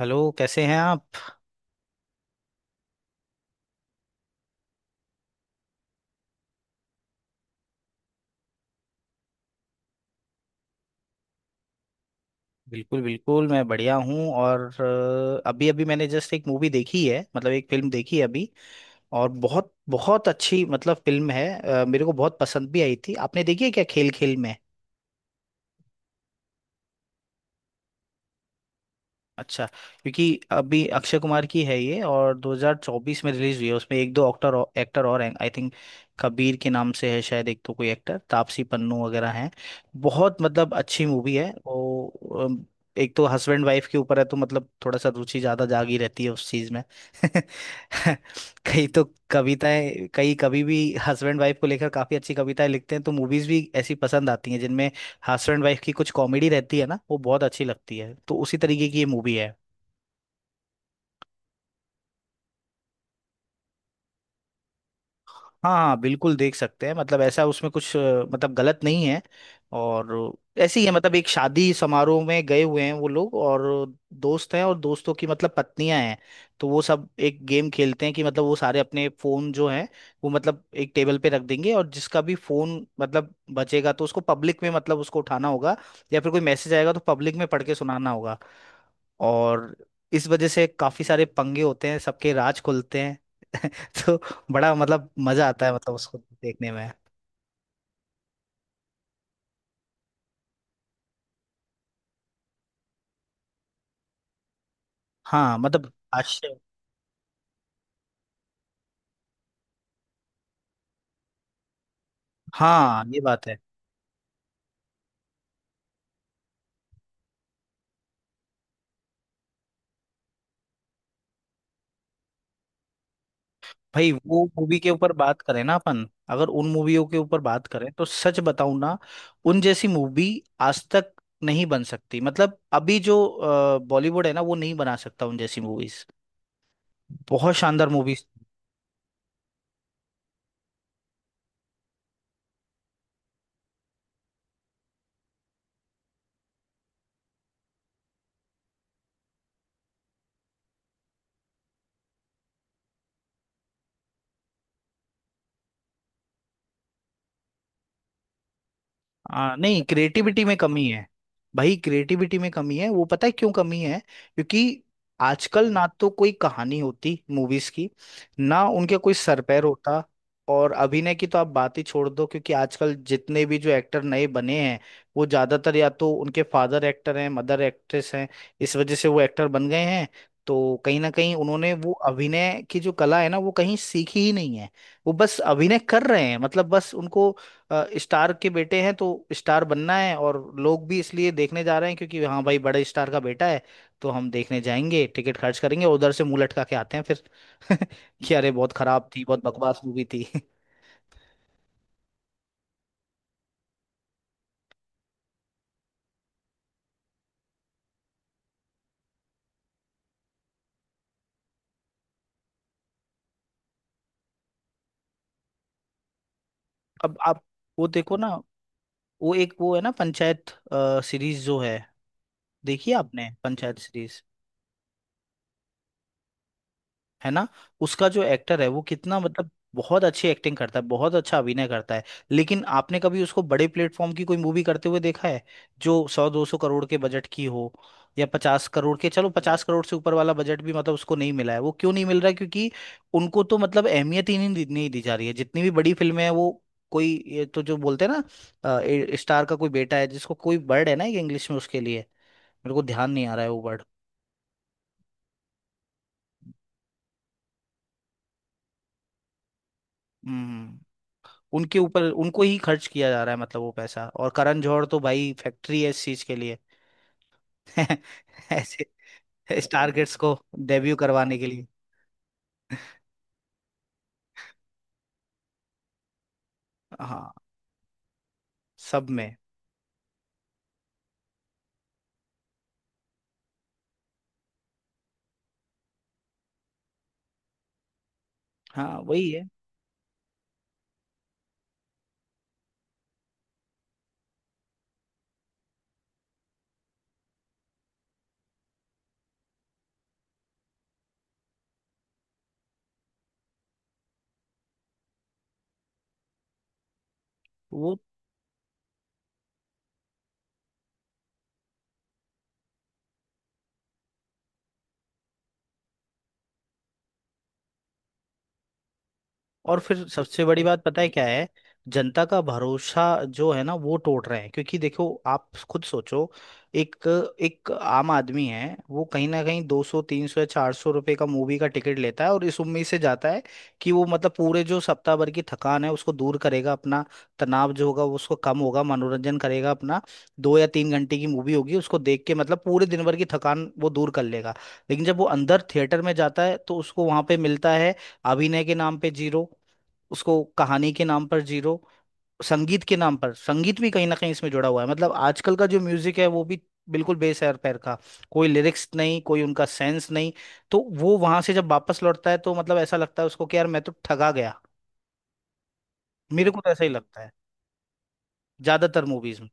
Hello कैसे हैं आप? बिल्कुल बिल्कुल, मैं बढ़िया हूँ। और अभी अभी मैंने जस्ट एक मूवी देखी है, मतलब एक फिल्म देखी है अभी। और बहुत बहुत अच्छी मतलब फिल्म है। मेरे को बहुत पसंद भी आई थी। आपने देखी है क्या, खेल खेल में? अच्छा। क्योंकि अभी अक्षय कुमार की है ये, और 2024 में रिलीज हुई है। उसमें एक दो एक्टर और हैं, आई थिंक। कबीर के नाम से है शायद एक, तो कोई एक्टर तापसी पन्नू वगैरह हैं। बहुत मतलब अच्छी मूवी है वो। अम, एक तो हस्बैंड वाइफ के ऊपर है, तो मतलब थोड़ा सा रुचि ज्यादा जागी रहती है उस चीज में। कई तो कविताएं, कई कभी भी हस्बैंड वाइफ को लेकर काफी अच्छी कविताएं लिखते हैं, तो मूवीज भी ऐसी पसंद आती हैं जिनमें हस्बैंड वाइफ की कुछ कॉमेडी रहती है ना। वो बहुत अच्छी लगती है, तो उसी तरीके की ये मूवी है। हाँ हाँ, बिल्कुल देख सकते हैं, मतलब ऐसा उसमें कुछ मतलब गलत नहीं है। और ऐसे ही है, मतलब एक शादी समारोह में गए हुए हैं वो लोग, और दोस्त हैं, और दोस्तों की मतलब पत्नियां हैं। तो वो सब एक गेम खेलते हैं कि मतलब वो सारे अपने फोन जो हैं वो मतलब एक टेबल पे रख देंगे, और जिसका भी फोन मतलब बचेगा तो उसको पब्लिक में, मतलब उसको उठाना होगा, या फिर कोई मैसेज आएगा तो पब्लिक में पढ़ के सुनाना होगा। और इस वजह से काफी सारे पंगे होते हैं, सबके राज खुलते हैं। तो बड़ा मतलब मजा आता है, मतलब उसको देखने में। हाँ मतलब आश्चर्य। हाँ ये बात है। भाई वो मूवी के ऊपर बात करें ना, अपन अगर उन मूवियों के ऊपर बात करें, तो सच बताऊं ना, उन जैसी मूवी आज तक नहीं बन सकती। मतलब अभी जो बॉलीवुड है ना, वो नहीं बना सकता उन जैसी मूवीज। बहुत शानदार मूवीज। नहीं, क्रिएटिविटी में कमी है। भाई क्रिएटिविटी में कमी है, वो पता है क्यों कमी है? क्योंकि आजकल ना तो कोई कहानी होती मूवीज की, ना उनके कोई सरपैर होता। और अभिनय की तो आप बात ही छोड़ दो, क्योंकि आजकल जितने भी जो एक्टर नए बने हैं, वो ज्यादातर या तो उनके फादर एक्टर हैं, मदर एक्ट्रेस हैं। इस वजह से वो एक्टर बन गए हैं। तो कहीं ना कहीं उन्होंने वो अभिनय की जो कला है ना, वो कहीं सीखी ही नहीं है। वो बस अभिनय कर रहे हैं, मतलब बस उनको स्टार के बेटे हैं तो स्टार बनना है। और लोग भी इसलिए देखने जा रहे हैं क्योंकि हाँ भाई बड़े स्टार का बेटा है, तो हम देखने जाएंगे। टिकट खर्च करेंगे, उधर से मुंह लटका के आते हैं फिर कि अरे बहुत खराब थी, बहुत बकवास मूवी थी। अब आप वो देखो ना, वो एक वो है ना, पंचायत सीरीज जो है। देखिए आपने पंचायत सीरीज, है ना, उसका जो एक्टर है वो कितना मतलब बहुत अच्छी एक्टिंग करता है, बहुत अच्छा अभिनय करता है। लेकिन आपने कभी उसको बड़े प्लेटफॉर्म की कोई मूवी करते हुए देखा है, जो सौ दो सौ करोड़ के बजट की हो, या पचास करोड़ के, चलो पचास करोड़ से ऊपर वाला बजट भी मतलब उसको नहीं मिला है। वो क्यों नहीं मिल रहा है? क्योंकि उनको तो मतलब अहमियत ही नहीं नहीं दी जा रही है। जितनी भी बड़ी फिल्में हैं वो कोई ये तो जो बोलते हैं ना, स्टार का कोई बेटा है, जिसको कोई वर्ड है ना एक इंग्लिश में उसके लिए, मेरे को ध्यान नहीं आ रहा है वो वर्ड। हम्म। उनके ऊपर उनको ही खर्च किया जा रहा है, मतलब वो पैसा। और करण जौहर तो भाई फैक्ट्री है इस चीज के लिए। ऐसे स्टारगेट्स को डेब्यू करवाने के लिए। हाँ सब में। हाँ वही है वो। और फिर सबसे बड़ी बात पता है क्या है? जनता का भरोसा जो है ना वो टूट रहे हैं। क्योंकि देखो आप खुद सोचो, एक एक आम आदमी है, वो कहीं ना कहीं 200 300 या ₹400 का मूवी का टिकट लेता है, और इस उम्मीद से जाता है कि वो मतलब पूरे जो सप्ताह भर की थकान है उसको दूर करेगा अपना, तनाव जो होगा वो उसको कम होगा, मनोरंजन करेगा अपना, दो या तीन घंटे की मूवी होगी उसको देख के मतलब पूरे दिन भर की थकान वो दूर कर लेगा। लेकिन जब वो अंदर थिएटर में जाता है, तो उसको वहां पे मिलता है अभिनय के नाम पे जीरो, उसको कहानी के नाम पर जीरो, संगीत के नाम पर, संगीत भी कहीं ना कहीं इसमें जुड़ा हुआ है, मतलब आजकल का जो म्यूजिक है वो भी बिल्कुल बेसैर पैर का, कोई लिरिक्स नहीं, कोई उनका सेंस नहीं। तो वो वहां से जब वापस लौटता है, तो मतलब ऐसा लगता है उसको कि यार मैं तो ठगा गया। मेरे को तो ऐसा ही लगता है ज्यादातर मूवीज में।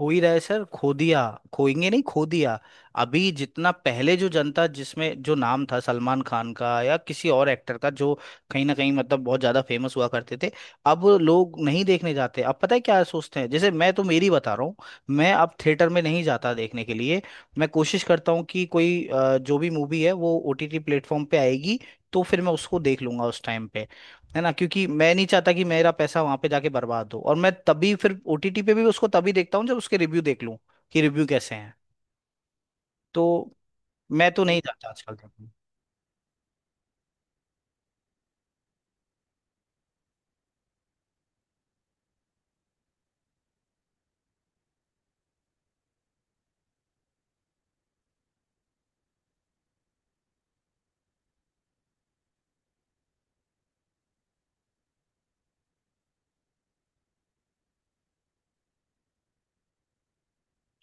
हो ही रहा है सर, खो दिया, खोएंगे नहीं, खो दिया। अभी जितना पहले जो जनता जिसमें जो नाम था सलमान खान का या किसी और एक्टर का, जो कहीं ना कहीं मतलब बहुत ज्यादा फेमस हुआ करते थे, अब लोग नहीं देखने जाते। अब पता है क्या सोचते हैं? जैसे मैं तो मेरी बता रहा हूँ, मैं अब थिएटर में नहीं जाता देखने के लिए। मैं कोशिश करता हूँ कि कोई जो भी मूवी है वो ओटीटी प्लेटफॉर्म पे आएगी, तो फिर मैं उसको देख लूंगा उस टाइम पे। है ना, क्योंकि मैं नहीं चाहता कि मेरा पैसा वहां पे जाके बर्बाद हो। और मैं तभी फिर ओटीटी पे भी उसको तभी देखता हूँ जब उसके रिव्यू देख लूँ कि रिव्यू कैसे हैं। तो मैं तो नहीं जाता आजकल देखने।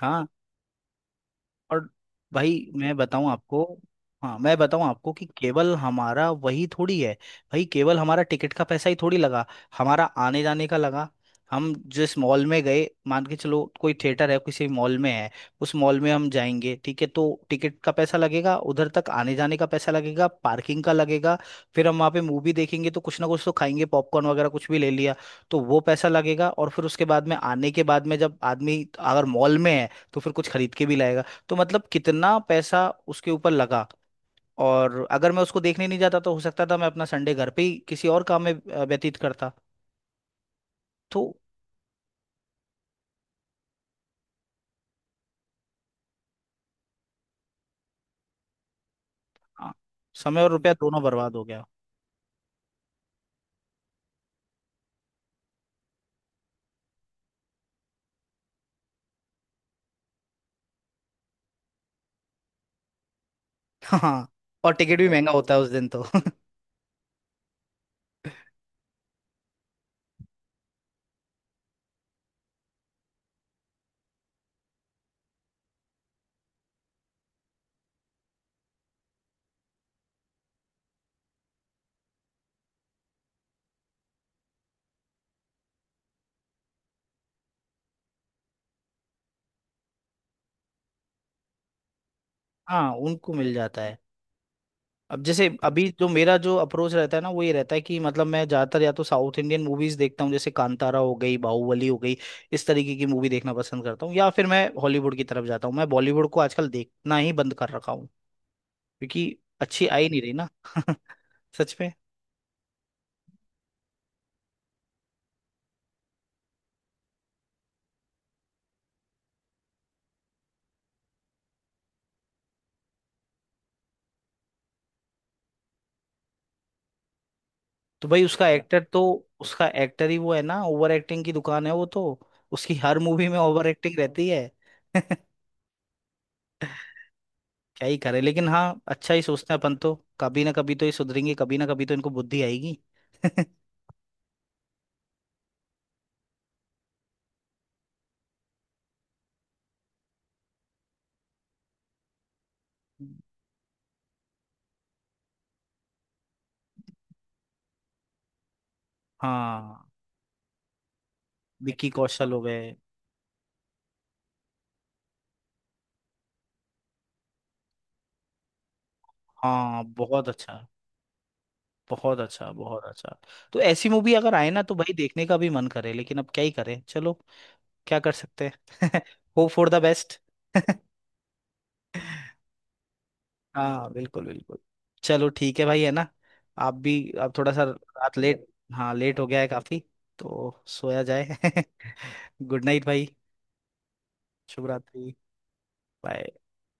हाँ और भाई मैं बताऊं आपको। हाँ मैं बताऊं आपको, कि केवल हमारा वही थोड़ी है। भाई केवल हमारा टिकट का पैसा ही थोड़ी लगा, हमारा आने जाने का लगा। हम जिस मॉल में गए, मान के चलो कोई थिएटर है किसी मॉल में है, उस मॉल में हम जाएंगे, ठीक है, तो टिकट का पैसा लगेगा, उधर तक आने जाने का पैसा लगेगा, पार्किंग का लगेगा। फिर हम वहाँ पे मूवी देखेंगे तो कुछ ना कुछ तो खाएंगे, पॉपकॉर्न वगैरह कुछ भी ले लिया, तो वो पैसा लगेगा। और फिर उसके बाद में आने के बाद में जब आदमी अगर मॉल में है तो फिर कुछ खरीद के भी लाएगा। तो मतलब कितना पैसा उसके ऊपर लगा। और अगर मैं उसको देखने नहीं जाता तो हो सकता था मैं अपना संडे घर पे ही किसी और काम में व्यतीत करता। तो हाँ, समय और रुपया दोनों बर्बाद हो गया। हाँ और टिकट भी महंगा होता है उस दिन तो। हाँ उनको मिल जाता है। अब जैसे अभी जो मेरा जो अप्रोच रहता है ना वो ये रहता है, कि मतलब मैं ज्यादातर या तो साउथ इंडियन मूवीज देखता हूँ, जैसे कांतारा हो गई, बाहुबली हो गई, इस तरीके की मूवी देखना पसंद करता हूँ, या फिर मैं हॉलीवुड की तरफ जाता हूँ। मैं बॉलीवुड को आजकल देखना ही बंद कर रखा हूँ क्योंकि अच्छी आ ही नहीं रही ना। सच में। तो भाई उसका एक्टर तो, उसका एक्टर ही वो है ना, ओवर एक्टिंग की दुकान है वो तो, उसकी हर मूवी में ओवर एक्टिंग रहती है। क्या ही करे, लेकिन हाँ अच्छा ही सोचते हैं अपन तो। कभी ना कभी तो ये सुधरेंगे, कभी ना कभी तो इनको बुद्धि आएगी। हाँ विक्की कौशल हो गए। हाँ बहुत अच्छा, बहुत अच्छा, बहुत अच्छा। तो ऐसी मूवी अगर आए ना तो भाई देखने का भी मन करे, लेकिन अब क्या ही करें, चलो क्या कर सकते हैं। Hope for the best. हाँ बिल्कुल बिल्कुल। चलो ठीक है भाई, है ना, आप भी अब थोड़ा सा रात लेट, हाँ लेट हो गया है काफी, तो सोया जाए। गुड नाइट भाई। शुभ रात्रि। बाय।